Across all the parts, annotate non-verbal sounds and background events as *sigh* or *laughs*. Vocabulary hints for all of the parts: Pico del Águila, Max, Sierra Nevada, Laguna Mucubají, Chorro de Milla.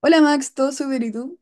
Hola Max, ¿todo súper y tú?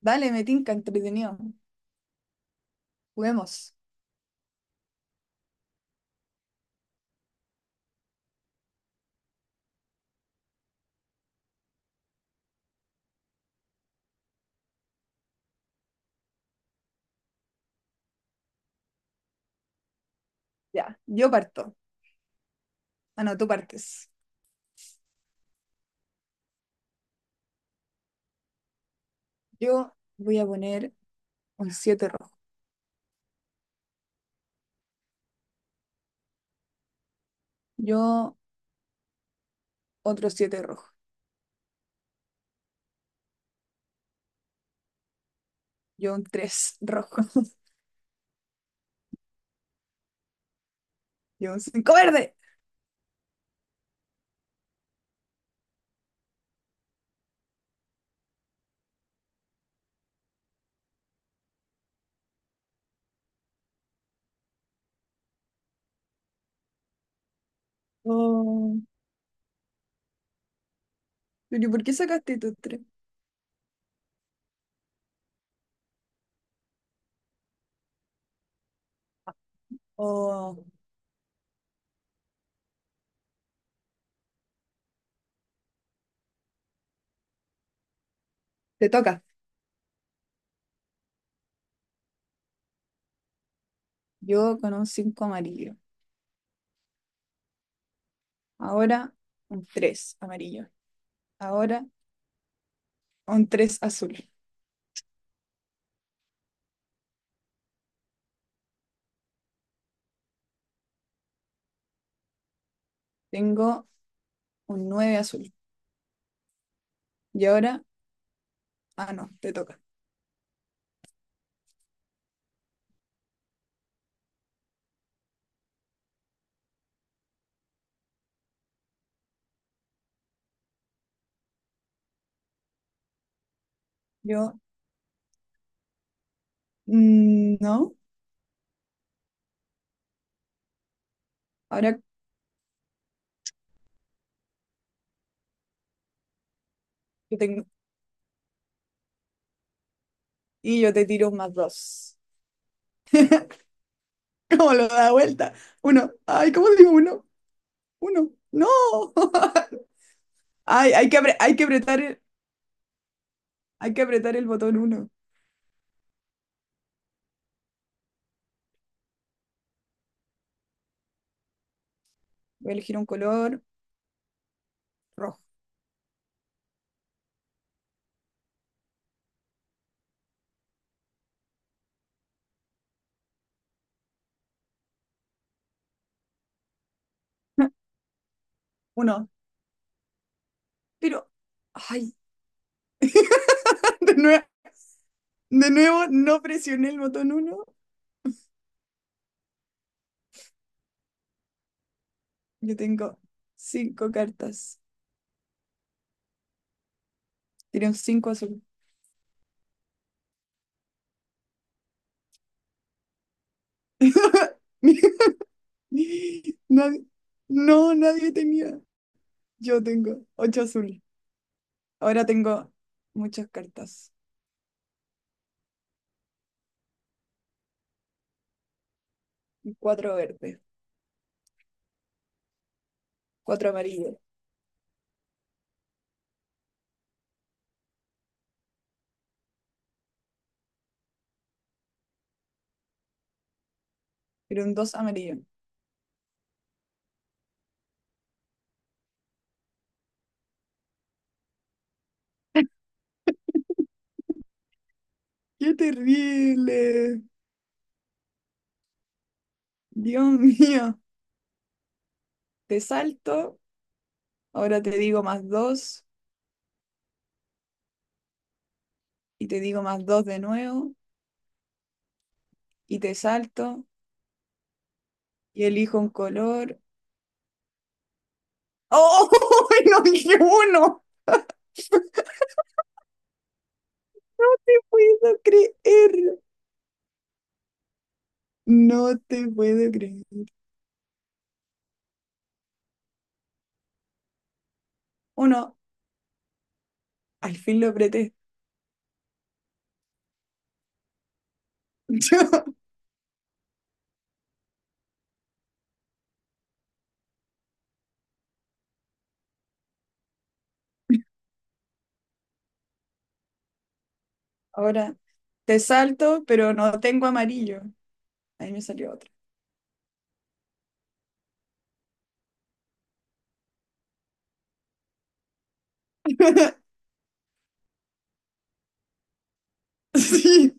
Dale, me tinca, entretenido. Juguemos. Ya, yo parto. Ah, no, tú partes. Yo voy a poner un 7 rojo. Yo otro 7 rojo. Yo un 3 rojo. *laughs* Yo un 5 verde. Oh, pero ¿por qué sacaste tu tres? Oh, te toca. Yo con un 5 amarillo. Ahora un 3 amarillo. Ahora un 3 azul. Tengo un 9 azul. Y ahora, ah, no, te toca. Yo No, ahora yo tengo. Y yo te tiro más dos. *laughs* ¿Cómo lo da vuelta? Uno. Ay, ¿cómo digo uno? Uno. No. *laughs* Ay, hay que apretar el botón uno. Voy a elegir un color rojo. *laughs* Uno. Pero, ay, *laughs* de nuevo, de nuevo no presioné el botón uno. Yo tengo cinco cartas. Tiré un cinco azul. *laughs* Nadie- no, nadie tenía. Yo tengo ocho azul. Ahora tengo muchas cartas. Y cuatro verdes, cuatro amarillos, pero un dos amarillo. ¡Qué terrible! Dios *laughs* mío. Te salto, ahora te digo más dos, y te digo más dos de nuevo, y te salto, y elijo un color. ¡Oh! *laughs* ¡No dije uno! ¡No puedo creer! No te puedo creer. Uno, al fin lo apreté. *laughs* Ahora te salto, pero no tengo amarillo. Ahí me salió otro. *laughs* *laughs* Sí,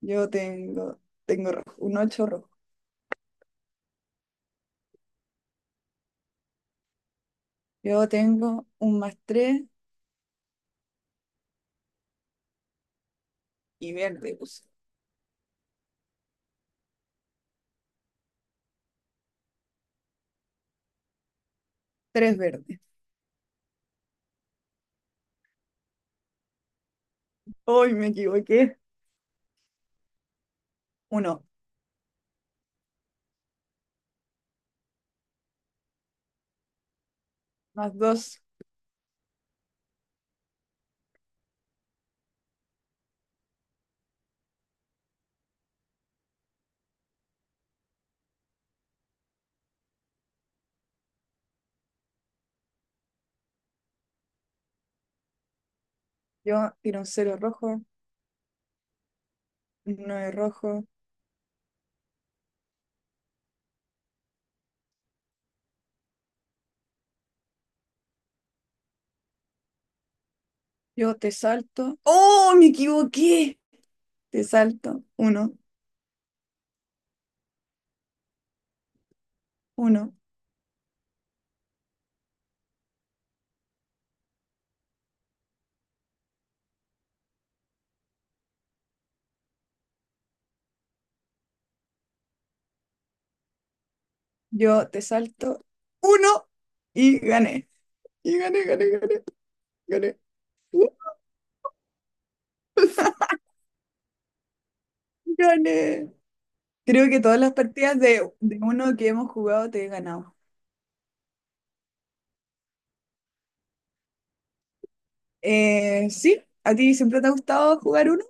yo tengo, tengo rojo, un 8 rojo. Yo tengo un más 3 y verde, puse. 3 verde. Hoy me equivoqué. Uno más 2. Yo tiro un cero rojo, un 9 rojo. Yo te salto. ¡Oh, me equivoqué! Te salto. Uno, uno. Yo te salto. Uno y gané. Y gané, gané, gané, gané. ¡Uh! Gané. Creo que todas las partidas de uno que hemos jugado te he ganado. Sí, ¿a ti siempre te ha gustado jugar uno?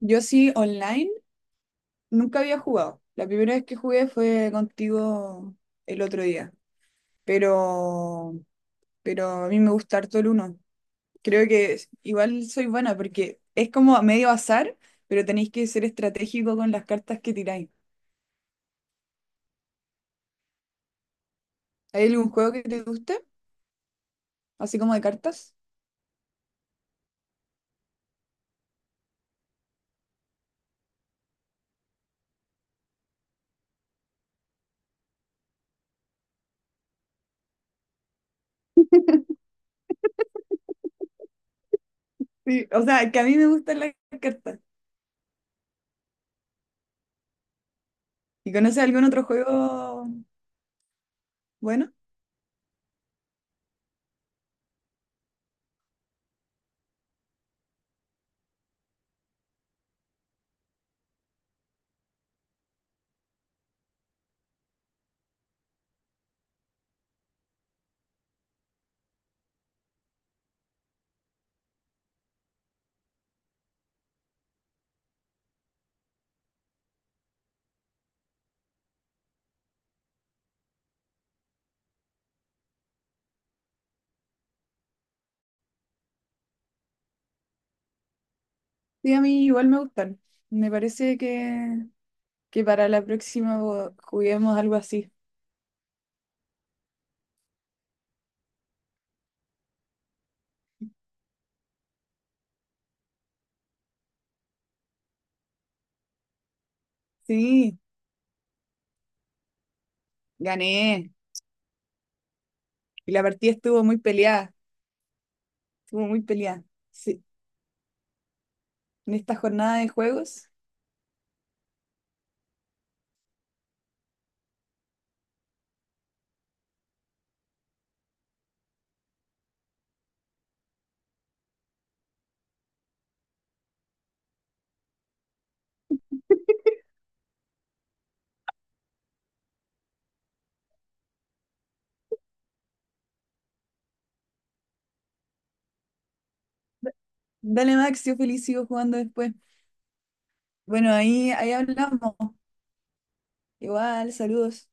Yo sí, online, nunca había jugado. La primera vez que jugué fue contigo el otro día, pero, pero a mí me gusta harto el uno. Creo que igual soy buena porque es como medio azar, pero tenéis que ser estratégico con las cartas que tiráis. ¿Hay algún juego que te guste? Así como de cartas. Sí, o sea, que a mí me gustan las cartas. ¿Y conoces algún otro juego bueno? Sí, a mí igual me gustan. Me parece que para la próxima juguemos algo así. Sí, gané. Y la partida estuvo muy peleada, estuvo muy peleada. Sí, en esta jornada de juegos. Dale, Max, yo feliz sigo jugando después. Bueno, ahí hablamos. Igual, saludos.